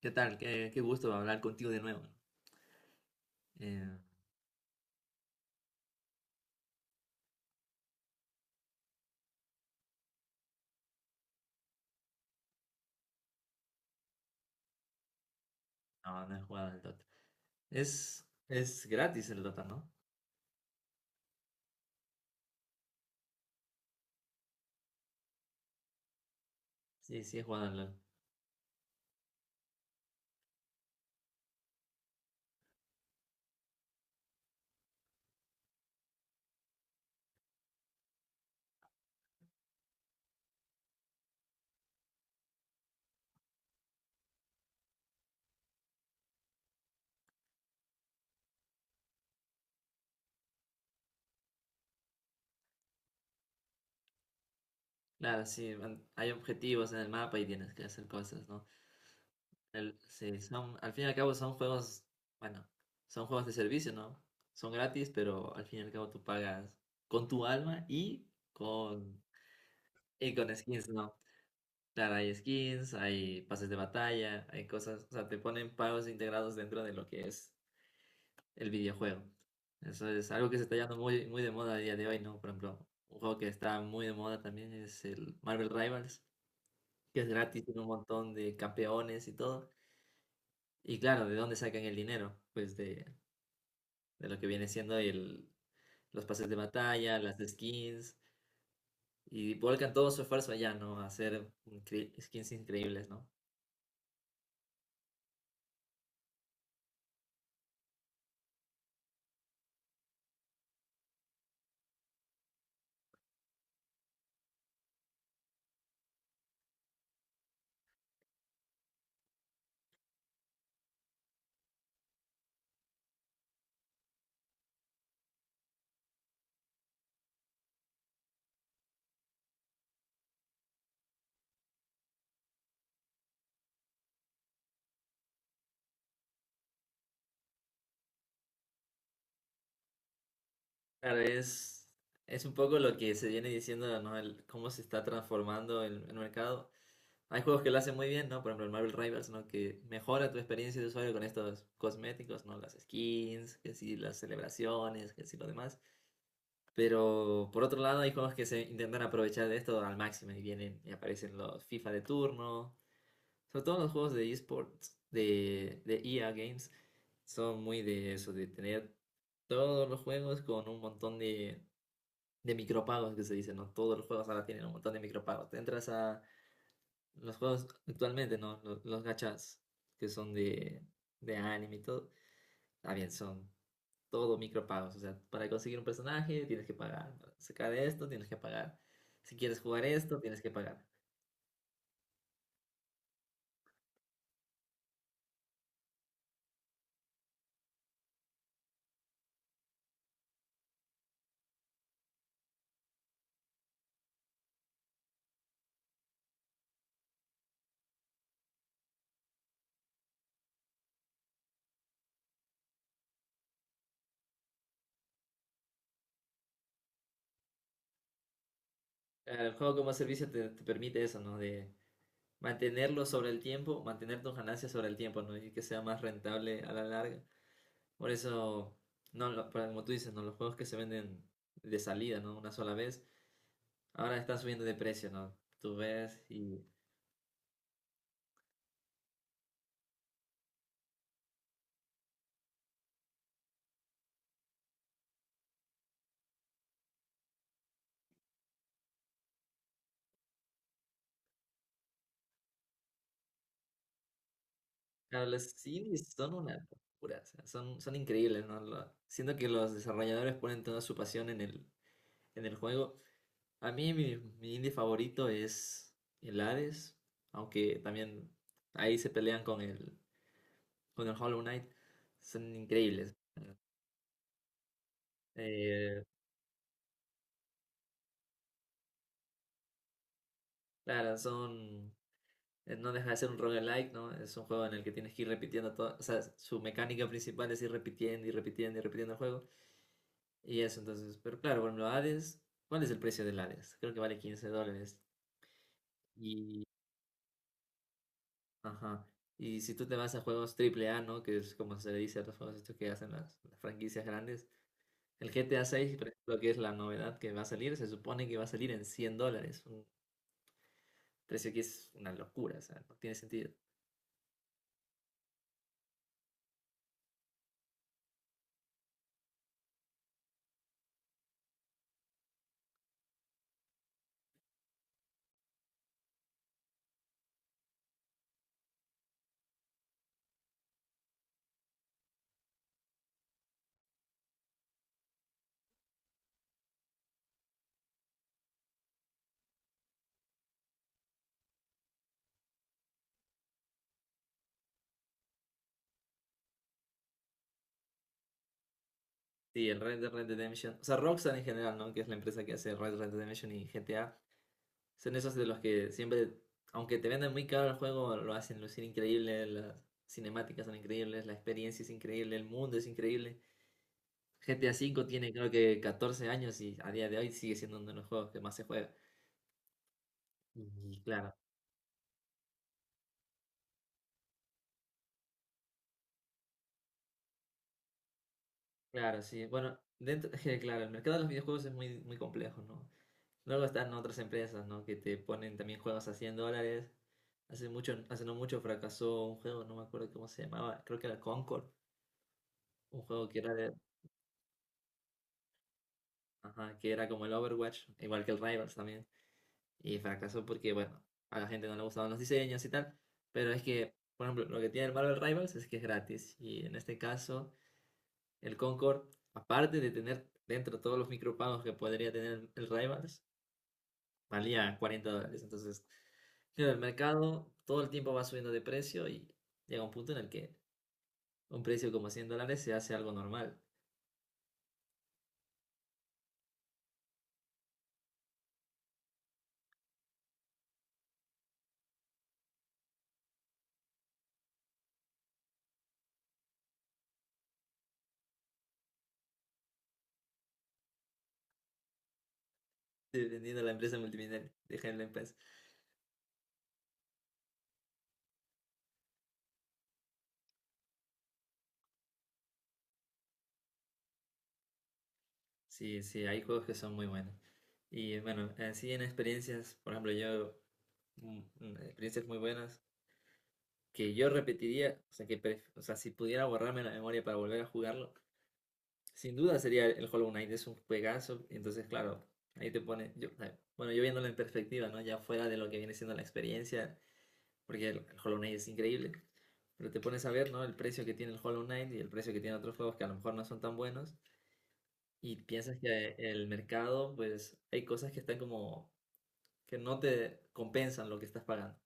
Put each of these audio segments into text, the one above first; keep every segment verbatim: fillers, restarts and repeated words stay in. ¿Qué tal? Qué, qué gusto hablar contigo de nuevo. Eh, no, no he jugado al Dota. Es, es gratis el Dota, ¿no? Sí, sí he jugado al LoL. Claro, sí, an- hay objetivos en el mapa y tienes que hacer cosas, ¿no? El- sí, son, al fin y al cabo son juegos, bueno, son juegos de servicio, ¿no? Son gratis, pero al fin y al cabo tú pagas con tu alma y con, y con skins, ¿no? Claro, hay skins, hay pases de batalla, hay cosas, o sea, te ponen pagos integrados dentro de lo que es el videojuego. Eso es algo que se está yendo muy, muy de moda a día de hoy, ¿no? Por ejemplo, un juego que está muy de moda también es el Marvel Rivals, que es gratis, tiene un montón de campeones y todo. Y claro, ¿de dónde sacan el dinero? Pues de, de lo que viene siendo el, los pases de batalla, las skins, y volcan todo su esfuerzo allá, ¿no? A hacer incre- skins increíbles, ¿no? Claro, es, es un poco lo que se viene diciendo, ¿no? El- cómo se está transformando el, el mercado. Hay juegos que lo hacen muy bien, ¿no? Por ejemplo, el Marvel Rivals, ¿no? Que mejora tu experiencia de usuario con estos cosméticos, ¿no? Las skins, que sí, las celebraciones, que sí, lo demás. Pero por otro lado, hay juegos que se intentan aprovechar de esto al máximo y vienen y aparecen los FIFA de turno. Sobre todo los juegos de esports, de, de E A Games, son muy de eso, de tener todos los juegos con un montón de de micropagos que se dice, ¿no? Todos los juegos ahora tienen un montón de micropagos. Te entras a los juegos actualmente, ¿no? Los, los gachas que son de, de anime y todo. También son todo micropagos. O sea, para conseguir un personaje tienes que pagar. Para sacar esto tienes que pagar. Si quieres jugar esto tienes que pagar. Eh, El juego como servicio te, te permite eso, ¿no? De mantenerlo sobre el tiempo, mantener tus ganancias sobre el tiempo, ¿no? Y que sea más rentable a la larga. Por eso, no, lo- por- como tú dices, ¿no? Los juegos que se venden de salida, ¿no? Una sola vez, ahora están subiendo de precio, ¿no? Tú ves y Claro, los indies son una locura, o sea, son, son increíbles, ¿no? Lo- siento que los desarrolladores ponen toda su pasión en el, en el juego. A mí mi, mi indie favorito es el Hades, aunque también ahí se pelean con el, con el Hollow Knight. Son increíbles. Eh, claro, son eh, no deja de ser un roguelike, ¿no? Es un juego en el que tienes que ir repitiendo todo. O sea, su mecánica principal es ir repitiendo y repitiendo y repitiendo el juego. Y eso, entonces. Pero claro, bueno, Hades. ¿Cuál es el precio del Hades? Creo que vale quince dólares. Y. Ajá. Y si tú te vas a juegos triple A, ¿no? Que es como se le dice a los juegos estos que hacen las, las franquicias grandes. El G GTA seis, por ejemplo, que es la novedad que va a salir, se supone que va a salir en cien dólares. Un precio que es una locura, o sea, no tiene sentido. Sí, el Red Dead Redemption. O sea, Rockstar en general, ¿no? Que es la empresa que hace Red Dead Redemption y G T A. Son esos de los que siempre, aunque te venden muy caro el juego, lo hacen lucir increíble. Las cinemáticas son increíbles, la experiencia es increíble, el mundo es increíble. G T A cinco tiene creo que catorce años y a día de hoy sigue siendo uno de los juegos que más se juega. Y claro, claro, sí. Bueno, dentro, claro, el mercado de los videojuegos es muy, muy complejo, ¿no? Luego están otras empresas, ¿no? Que te ponen también juegos a cien dólares. Hace mucho, hace no mucho fracasó un juego, no me acuerdo cómo se llamaba, creo que era Concord, un juego que era, de- ajá, que era como el Overwatch, igual que el Rivals también. Y fracasó porque, bueno, a la gente no le gustaban los diseños y tal. Pero es que, por ejemplo, lo que tiene el Marvel Rivals es que es gratis. Y en este caso, el Concord, aparte de tener dentro todos los micropagos que podría tener el Rivals, valía cuarenta dólares. Entonces, claro, el mercado todo el tiempo va subiendo de precio y llega un punto en el que un precio como cien dólares se hace algo normal, dependiendo de la empresa multinivel, deja la empresa. Sí, sí, hay juegos que son muy buenos. Y bueno, así en experiencias, por ejemplo, yo, mm, mm, experiencias muy buenas que yo repetiría, o sea, que pref- o sea, si pudiera borrarme la memoria para volver a jugarlo, sin duda sería el Hollow Knight, es un juegazo. Entonces, claro, ahí te pone. Yo, bueno, yo viéndolo en perspectiva, ¿no? Ya fuera de lo que viene siendo la experiencia, porque el, el Hollow Knight es increíble. Pero te pones a ver, ¿no? El precio que tiene el Hollow Knight y el precio que tiene otros juegos que a lo mejor no son tan buenos. Y piensas que el mercado, pues hay cosas que están como que no te compensan lo que estás pagando.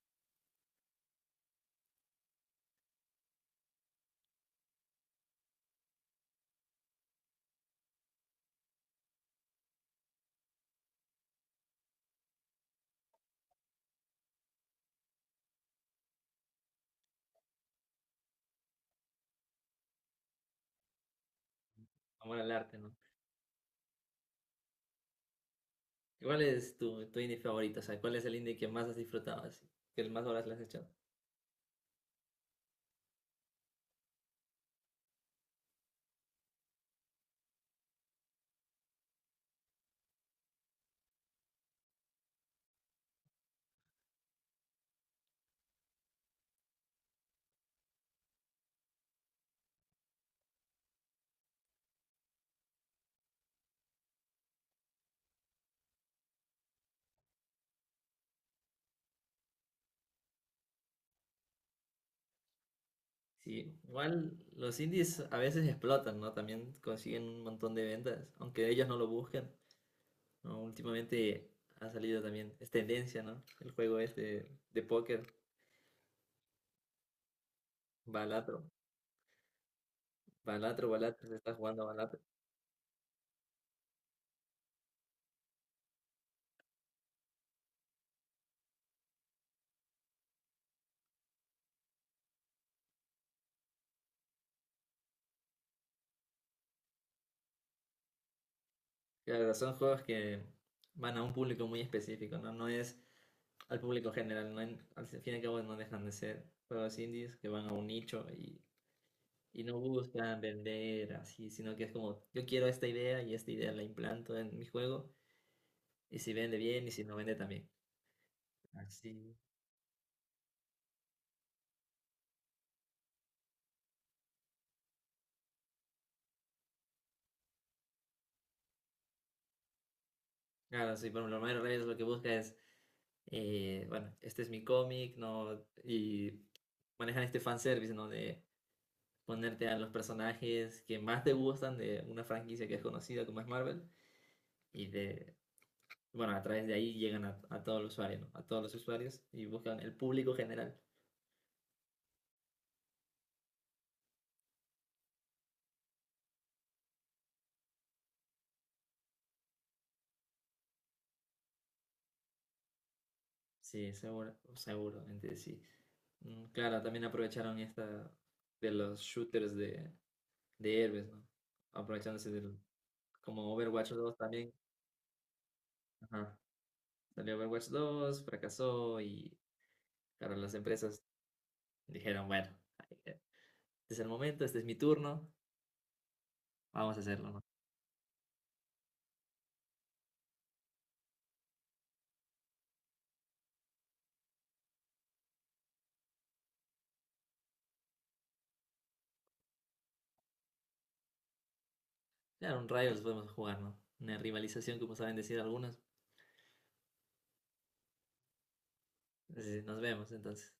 Amor al arte, ¿no? ¿Cuál es tu, tu indie favorito? O sea, ¿cuál es el indie que más has disfrutado? ¿Así? ¿Que el más horas le has echado? Sí, igual los indies a veces explotan, ¿no? También consiguen un montón de ventas, aunque ellos no lo buscan, ¿no? Últimamente ha salido también, es tendencia, ¿no? El juego este de póker, Balatro, Balatro, Balatro, se está jugando Balatro. Claro, son juegos que van a un público muy específico, ¿no? No es al público general, ¿no? En- al fin y al cabo no dejan de ser juegos indies que van a un nicho y, y no buscan vender así, sino que es como, yo quiero esta idea y esta idea la implanto en mi juego. Y si vende bien y si no vende también. Así. Claro, sí, por lo menos Reyes lo que busca es, eh, bueno, este es mi cómic, ¿no? Y manejan este fanservice, ¿no? De ponerte a los personajes que más te gustan de una franquicia que es conocida como es Marvel y de, bueno, a través de ahí llegan a, a todo el usuario, ¿no? A todos los usuarios y buscan el público general. Sí, seguro, seguramente sí. Mm, Claro, también aprovecharon esta de los shooters de, de héroes, ¿no? Aprovechándose del, como Overwatch dos también. Ajá. Salió Overwatch dos, fracasó y claro, las empresas dijeron, bueno, este es el momento, este es mi turno, vamos a hacerlo, ¿no? Claro, un Rivals podemos jugar, ¿no? Una rivalización, como saben decir algunos. Así, nos vemos entonces.